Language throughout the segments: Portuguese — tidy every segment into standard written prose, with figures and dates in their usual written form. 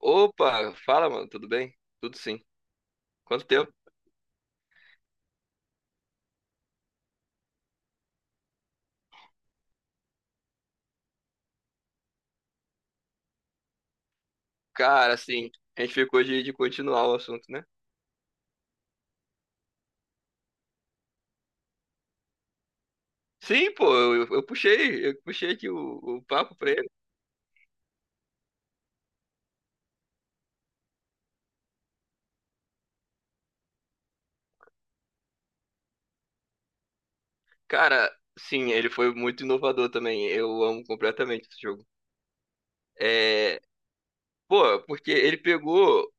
Opa, fala, mano, tudo bem? Tudo sim. Quanto tempo? Cara, assim, a gente ficou de continuar o assunto, né? Sim, pô, eu puxei aqui o papo pra ele. Cara, sim, ele foi muito inovador também. Eu amo completamente esse jogo. É, pô, porque ele pegou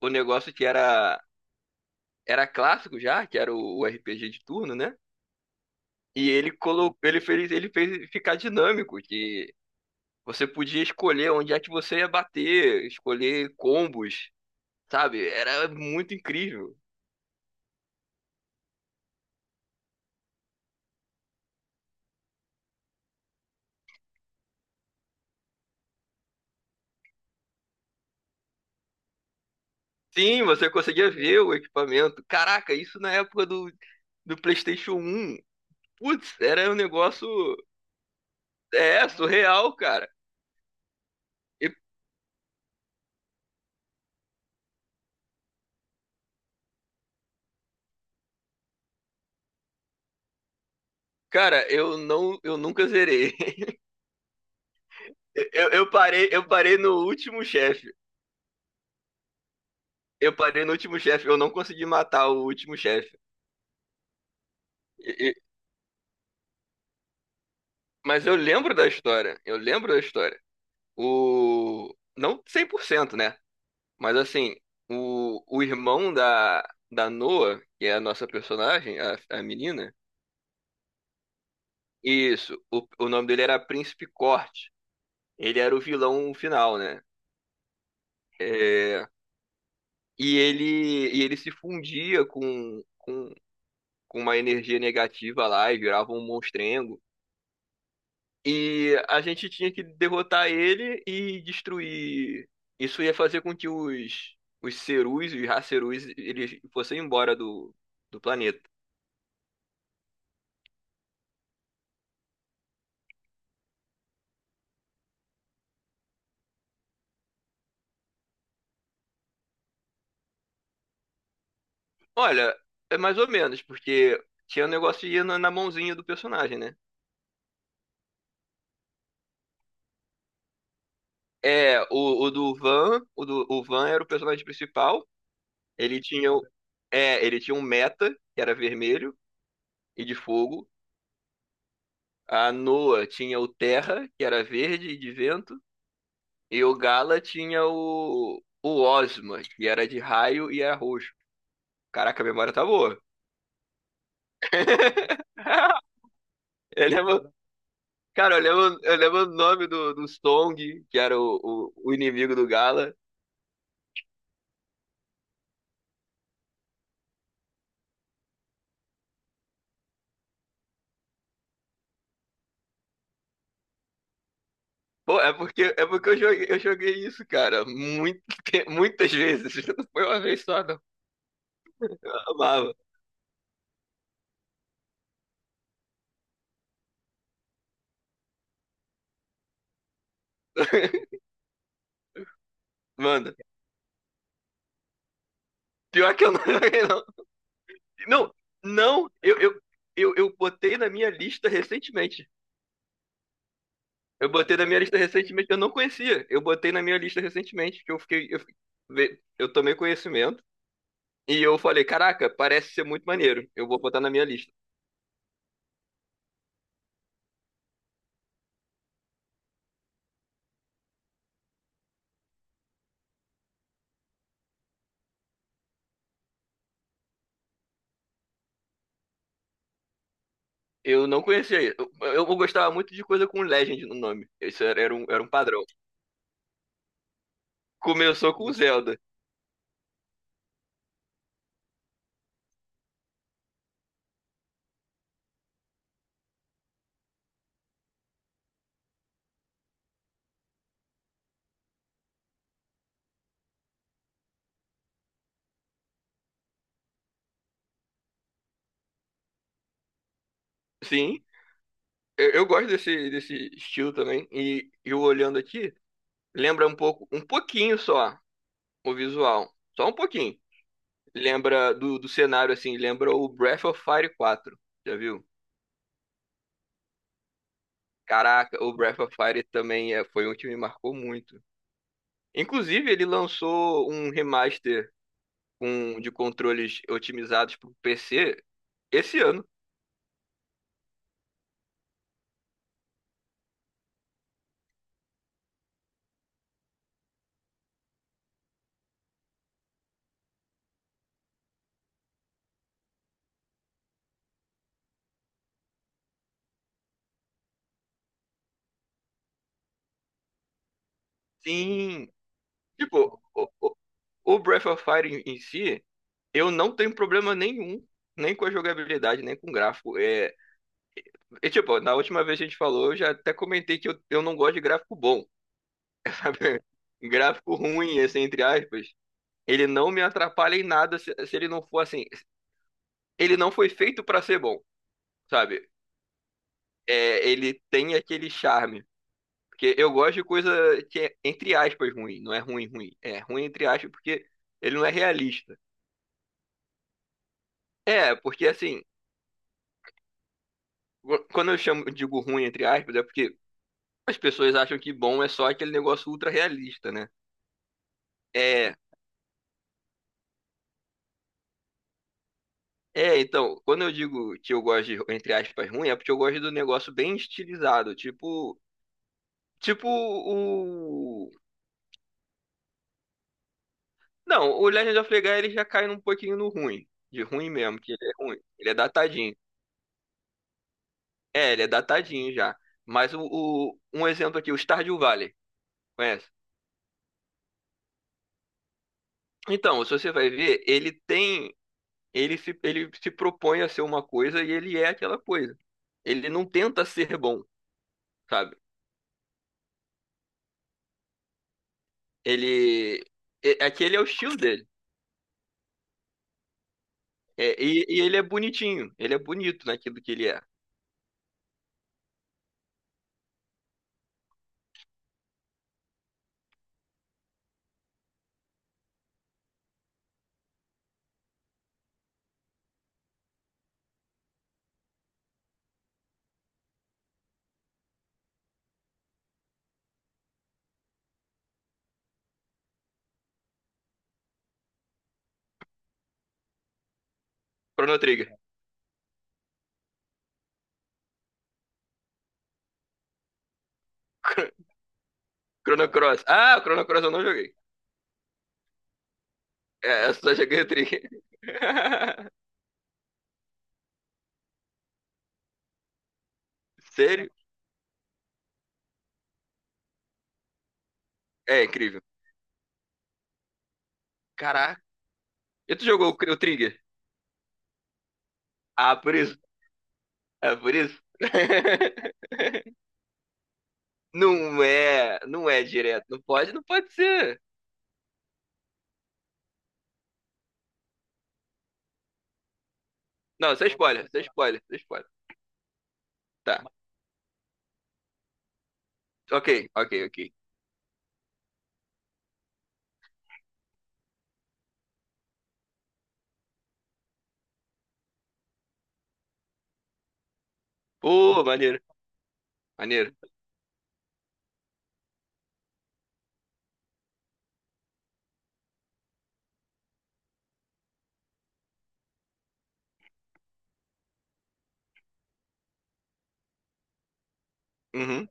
o negócio que era era clássico já, que era o RPG de turno, né? E ele colocou, ele fez ficar dinâmico, que você podia escolher onde é que você ia bater, escolher combos, sabe? Era muito incrível. Sim, você conseguia ver o equipamento. Caraca, isso na época do PlayStation um. Putz, era um negócio, é surreal, cara. E, cara, eu nunca zerei. Eu parei no último chefe. Eu parei no último chefe. Eu não consegui matar o último chefe. E- e- mas eu lembro da história. Eu lembro da história. O não cem por cento, né? Mas assim, o irmão da Noa, que é a nossa personagem, a menina, isso, o nome dele era Príncipe Corte. Ele era o vilão final, né? É, e ele se fundia com uma energia negativa lá e virava um monstrengo. E a gente tinha que derrotar ele e destruir. Isso ia fazer com que os Cerus, os racerus, eles fossem embora do planeta. Olha, é mais ou menos, porque tinha um negócio de ir na mãozinha do personagem, né? É, o Van era o personagem principal. Ele tinha, o- é, ele tinha um Meta, que era vermelho e de fogo. A Noa tinha o Terra, que era verde e de vento. E o Gala tinha o Ozma, que era de raio e era roxo. Caraca, a memória tá boa. Eu lembro, cara, eu lembro o nome do Song, que era o inimigo do Gala. Pô, é porque eu joguei isso, cara, muito, muitas vezes. Não foi uma vez só, não. Eu amava. Mano, pior que eu não joguei, não. Não, não, eu, eu, eu botei na minha lista recentemente. Eu botei na minha lista recentemente, eu não conhecia. Eu botei na minha lista recentemente, que eu tomei conhecimento e eu falei, caraca, parece ser muito maneiro. Eu vou botar na minha lista. Eu não conhecia. Eu gostava muito de coisa com Legend no nome. Isso era, era um padrão. Começou com Zelda. Sim, eu gosto desse, desse estilo também. E eu olhando aqui, lembra um pouco, um pouquinho só o visual. Só um pouquinho. Lembra do cenário, assim, lembra o Breath of Fire quatro. Já viu? Caraca, o Breath of Fire também é, foi um que me marcou muito. Inclusive, ele lançou um remaster, com, de controles otimizados para o PC esse ano. Sim, tipo, o Breath of Fire em em si. Eu não tenho problema nenhum, nem com a jogabilidade, nem com o gráfico. É, e, tipo, na última vez que a gente falou, eu já até comentei que eu não gosto de gráfico bom, sabe? Gráfico ruim, assim, entre aspas. Ele não me atrapalha em nada se, se ele não for assim. Ele não foi feito pra ser bom, sabe? É, ele tem aquele charme. Porque eu gosto de coisa que é, entre aspas, ruim. Não é ruim, ruim. É ruim, entre aspas, porque ele não é realista. É, porque assim, quando eu chamo, digo ruim, entre aspas, é porque as pessoas acham que bom é só aquele negócio ultra realista, né? É, é, então, quando eu digo que eu gosto de, entre aspas, ruim, é porque eu gosto do negócio bem estilizado, tipo, tipo o... Não, o Legend of Legaia, ele já cai num pouquinho no ruim, de ruim mesmo, que ele é ruim, ele é datadinho. É, ele é datadinho já. Mas um exemplo aqui, o Stardew Valley, conhece? Então, se você vai ver, ele tem, ele se propõe a ser uma coisa e ele é aquela coisa. Ele não tenta ser bom, sabe? Ele. Aquele é o estilo dele. É, e ele é bonitinho. Ele é bonito naquilo que ele é. Chrono Trigger. Chrono Cross. Ah, o Chrono Cross eu não joguei. É, eu só joguei o Trigger. Sério? É incrível. Caraca. E tu jogou o, o Trigger? Ah, por isso. É por isso. Não é, não é direto. Não pode ser. Não, você é spoiler, isso é spoiler, isso é spoiler. Tá. Ok. Pô, maneiro, maneiro. Uhum.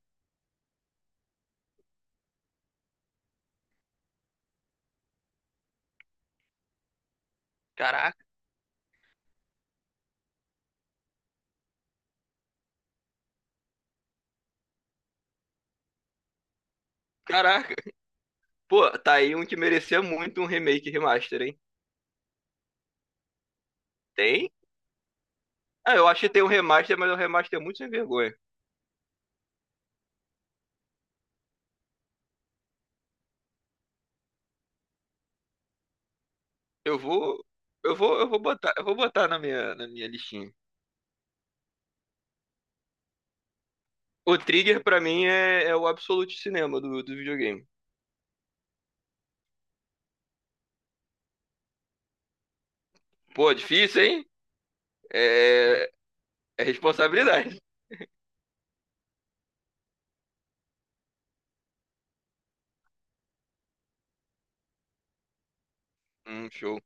Caraca, caraca. Pô, tá aí um que merecia muito um remake e remaster, hein? Tem? Ah, eu acho que tem um remaster, mas o remaster é muito sem vergonha. Eu vou, eu vou botar na minha listinha. O Trigger pra mim é o absolute cinema do videogame. Pô, difícil, hein? É, é responsabilidade. Show.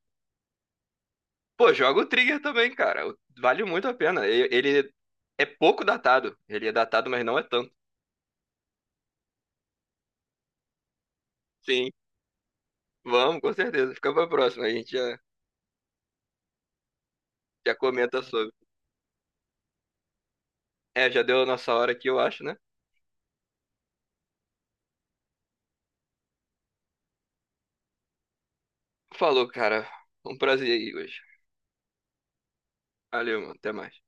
Pô, joga o Trigger também, cara. Vale muito a pena. Ele é pouco datado. Ele é datado, mas não é tanto. Sim, vamos, com certeza. Fica pra próxima. A gente já, já comenta sobre. É, já deu a nossa hora aqui, eu acho, né? Falou, cara. Um prazer aí hoje. Valeu, mano. Até mais.